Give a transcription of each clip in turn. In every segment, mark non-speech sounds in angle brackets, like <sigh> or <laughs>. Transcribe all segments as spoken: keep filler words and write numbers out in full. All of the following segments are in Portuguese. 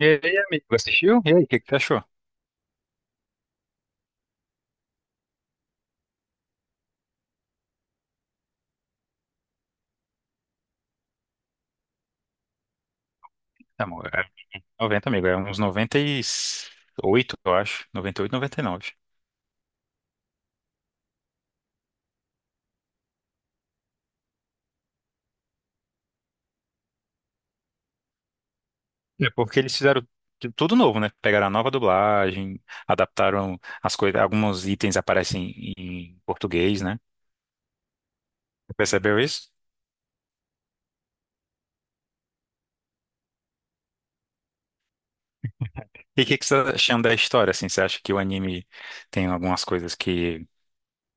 E aí, amigo, assistiu? E aí, o que que você achou? Tá, amor, é noventa, amigo, é uns noventa e oito, eu acho. noventa e oito, noventa e nove. É porque eles fizeram tu- tudo novo, né? Pegaram a nova dublagem, adaptaram as coisas, alguns itens aparecem em em português, né? Você percebeu isso? E o que que você tá achando da história, assim? Você acha que o anime tem algumas coisas que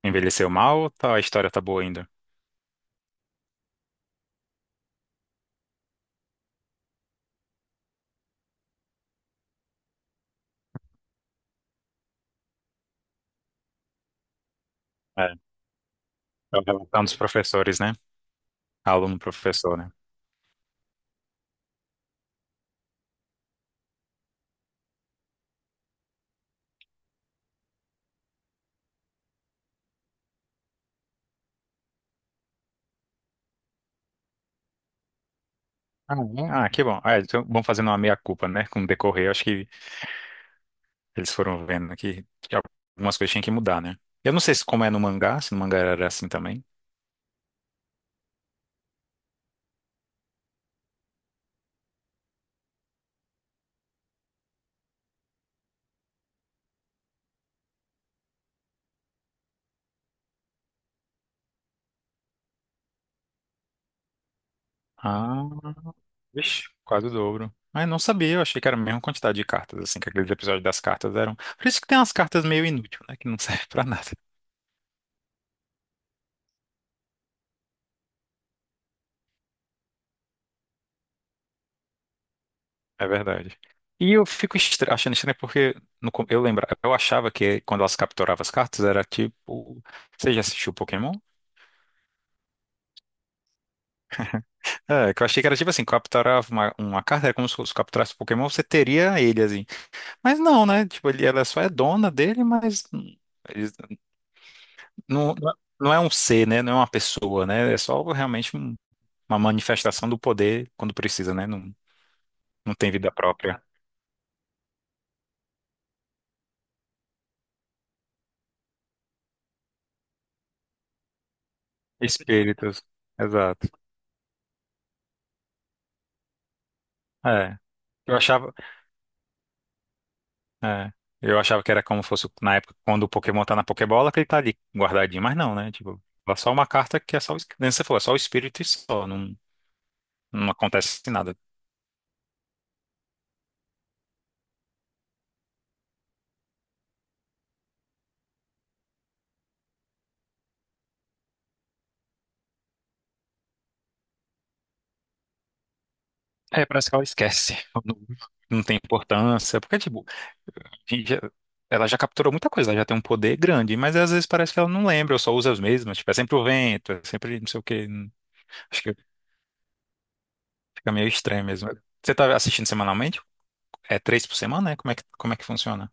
envelheceu mal ou tá- a história tá boa ainda? É, é a relação dos professores, né? Aluno-professor, né? Ah, é? Ah, que bom. Ah, então vão fazendo uma meia-culpa, né? Com o decorrer, eu acho que eles foram vendo que, que algumas coisas tinham que mudar, né? Eu não sei se como é no mangá, se no mangá era assim também. Ah, vixe, quase o dobro. Ah, eu não sabia, eu achei que era a mesma quantidade de cartas, assim, que aqueles episódios das cartas eram. Por isso que tem umas cartas meio inúteis, né? Que não <laughs> serve pra nada. É verdade. E eu fico estra- achando estranho porque no com- eu lembra, eu achava que quando elas capturavam as cartas era tipo. Você já assistiu Pokémon? É, que eu achei que era tipo assim, capturar uma, uma carta, era como se fosse capturasse um Pokémon, você teria ele, assim. Mas não, né? Tipo, ele, ela só é dona dele, mas hum, eles- não, não é não é um ser, né? Não é uma pessoa, né? É só realmente um- uma manifestação do poder quando precisa, né? Não, não tem vida própria. Espíritos. Exato. É. Eu achava, é, eu achava que era como fosse na época quando o Pokémon tá na Pokébola, que ele tá ali guardadinho, mas não, né? Tipo, é só uma carta que é só, o es- nem você falou, é só o espírito e só, não, não acontece nada. É, parece que ela esquece. <laughs> Não, não tem importância. Porque, tipo, a gente já- ela já capturou muita coisa, ela já tem um poder grande, mas às vezes parece que ela não lembra, ou só usa as mesmas. Tipo, é sempre o vento, é sempre não sei o quê. hum, Acho que fica meio estranho mesmo. Você tá assistindo semanalmente? É três por semana, né? Como é que, como é que funciona?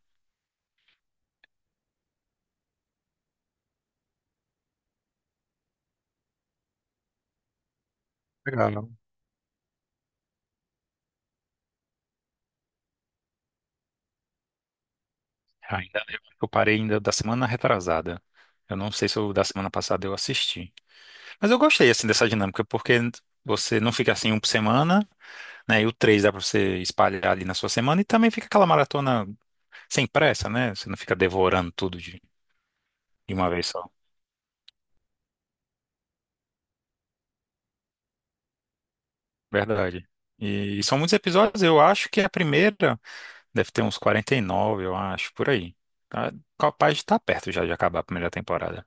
Legal. Ainda, eu acho que eu parei ainda da semana retrasada. Eu não sei se o da semana passada eu assisti. Mas eu gostei, assim, dessa dinâmica, porque você não fica assim um por semana. né? E o três dá pra você espalhar ali na sua semana e também fica aquela maratona sem pressa, né? Você não fica devorando tudo de, de uma vez só. Verdade. E, são muitos episódios, eu acho que a primeira deve ter uns quarenta e nove eu acho, por aí. Tá, capaz de estar perto já de acabar a primeira temporada.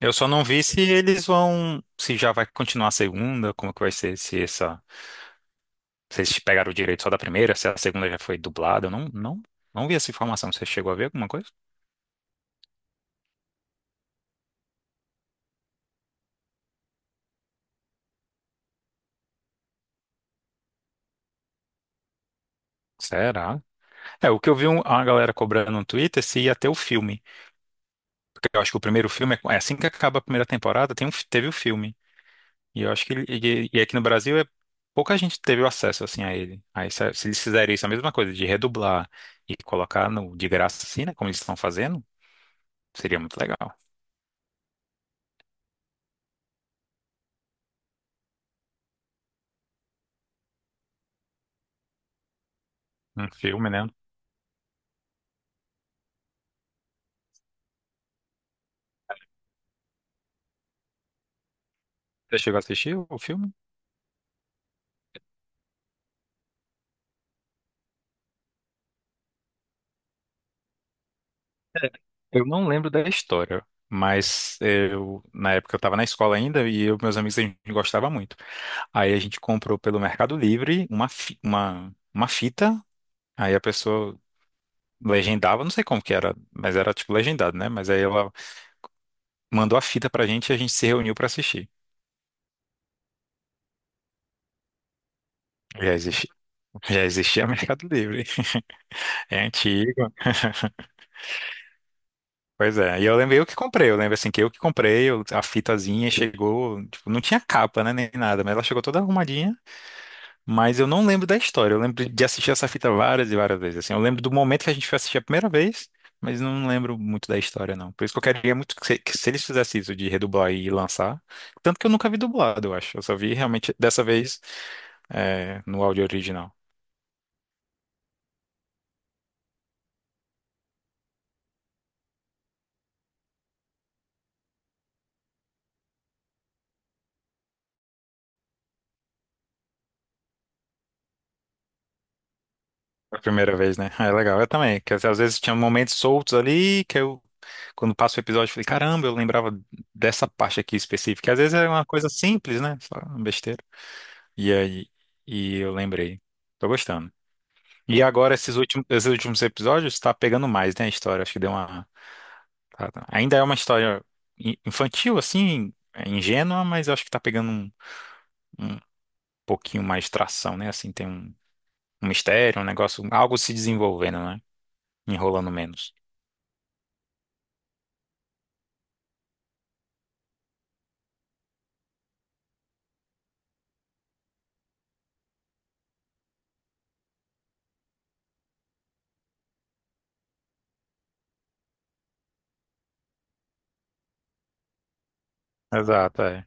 Eu só não vi se eles vão, se já vai continuar a segunda, como que vai ser, se essa, se eles pegaram o direito só da primeira, se a segunda já foi dublada, eu não, não, não vi essa informação. Você chegou a ver alguma coisa? Será? É, o que eu vi um- a galera cobrando no Twitter se ia ter o filme. Porque eu acho que o primeiro filme, é é assim que acaba a primeira temporada, tem um, fi- teve o filme. E eu acho que ele- e, e aqui no Brasil é, pouca gente teve o acesso assim a ele. Aí se, se eles fizerem isso, é a mesma coisa, de redublar e colocar no, de graça assim, né? Como eles estão fazendo, seria muito legal. Um filme, né? Você chegou a assistir o filme? Eu não lembro da história, mas eu, na época eu tava na escola ainda e eu, meus amigos a gente gostava muito. Aí a gente comprou pelo Mercado Livre uma, fi- uma, uma fita. Aí a pessoa legendava, não sei como que era, mas era tipo legendado, né? Mas aí ela mandou a fita pra gente e a gente se reuniu pra assistir. Já existia, já existia Mercado Livre. <laughs> É antigo. Pois é. E eu lembrei eu que comprei. Eu lembro assim que eu que comprei, eu- a fitazinha chegou, tipo, não tinha capa, né? Nem nada, mas ela chegou toda arrumadinha. Mas eu não lembro da história. Eu lembro de assistir essa fita várias e várias vezes. Assim, eu lembro do momento que a gente foi assistir a primeira vez, mas não lembro muito da história, não. Por isso que eu queria muito que se, que se eles fizessem isso de redublar e lançar. Tanto que eu nunca vi dublado, eu acho. Eu só vi realmente dessa vez é, no áudio original. A primeira vez, né? Ah, é legal. Eu também. Que às às vezes tinha momentos soltos ali que eu, quando passo o episódio, eu falei, caramba, eu lembrava dessa parte aqui específica. Que às vezes é uma coisa simples, né? Só uma besteira. E aí, e eu lembrei. Tô gostando. E agora, esses últimos, esses últimos episódios, tá pegando mais, né, a história. Acho que deu uma. tá- tá- Ainda é uma história in- infantil, assim, é ingênua, mas eu acho que tá pegando um, um pouquinho mais tração, né? Assim, tem um, um mistério, um negócio, algo se desenvolvendo, né? Enrolando menos. Exato, é.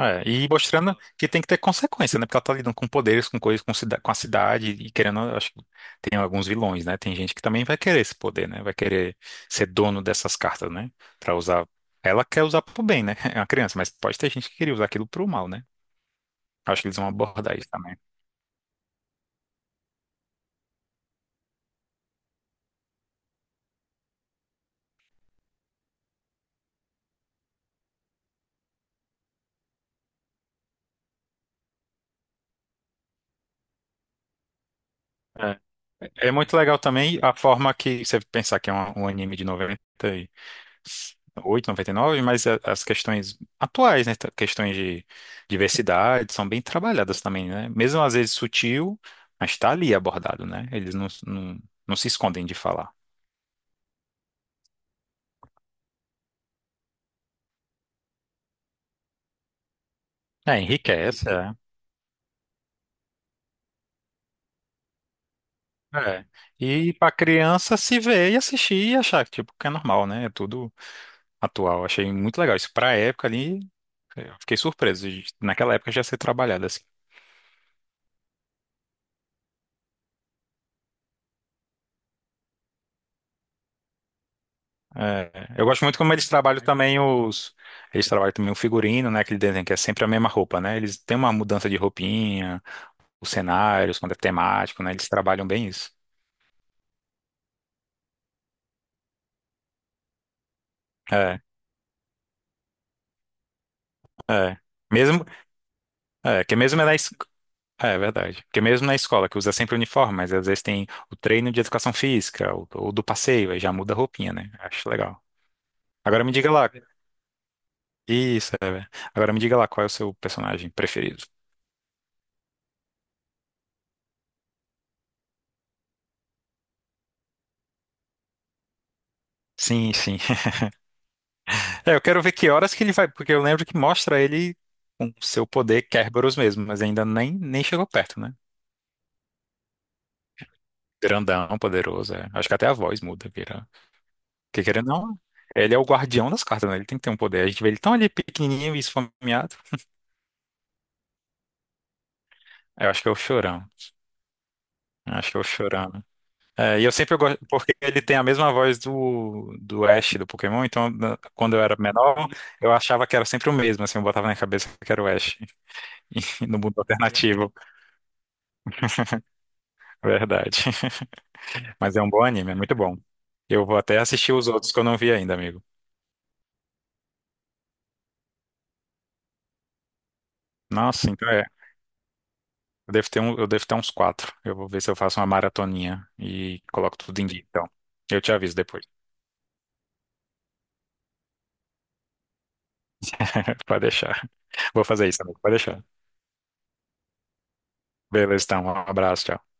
É, e mostrando que tem que ter consequência, né? Porque ela tá lidando com poderes, com coisas, com, cida- com a cidade e querendo, eu acho que tem alguns vilões, né? Tem gente que também vai querer esse poder, né? Vai querer ser dono dessas cartas, né? Pra usar. Ela quer usar pro bem, né? <laughs> É uma criança, mas pode ter gente que queria usar aquilo pro mal, né? Acho que eles vão abordar isso também. É, é muito legal também a forma que você pensar que é um, um anime de noventa e oito e noventa e nove, mas a- as questões atuais, né? t- Questões de diversidade são bem trabalhadas também, né? Mesmo às vezes sutil, mas está ali abordado, né? Eles não, não, não se escondem de falar. É, enriquece, é. É. E para criança se ver e assistir e achar que, tipo, que é normal, né? É tudo atual. Achei muito legal. Isso para a época ali, eu fiquei surpreso de, naquela época já ser trabalhado assim. É, eu gosto muito como eles trabalham também os. Eles trabalham também o figurino, né? Aquele desenho que é sempre a mesma roupa, né? Eles têm uma mudança de roupinha, os cenários, quando é temático, né? Eles trabalham bem isso. É, é. Mesmo, é, que mesmo é na, es- é, é verdade. Porque mesmo na escola, que usa sempre uniforme, mas às vezes tem o treino de educação física, ou, ou do passeio, aí já muda a roupinha, né? Acho legal. Agora me diga lá. Isso, é. Agora me diga lá qual é o seu personagem preferido. Sim, sim. É, eu quero ver que horas que ele vai, porque eu lembro que mostra ele com seu poder Kerberos mesmo, mas ainda nem, nem chegou perto, né? Grandão, poderoso, é. Acho que até a voz muda, vira. Porque querendo ou não, ele é o guardião das cartas, né? Ele tem que ter um poder. A gente vê ele tão ali pequenininho e esfomeado. Eu acho que é o Chorão. Eu acho que é o Chorão. É, e eu sempre gosto, porque ele tem a mesma voz do, do Ash do Pokémon, então na- quando eu era menor, eu achava que era sempre o mesmo, assim, eu botava na cabeça que era o Ash <laughs> no mundo alternativo, verdade. <laughs> Mas é um bom anime, é muito bom. Eu vou até assistir os outros que eu não vi ainda, amigo. Nossa, então é. Eu devo ter um, eu devo ter uns quatro. Eu vou ver se eu faço uma maratoninha e coloco tudo em dia. Então, eu te aviso depois. <laughs> Pode deixar. Vou fazer isso, amigo. Pode deixar. Beleza, então. Um abraço, tchau.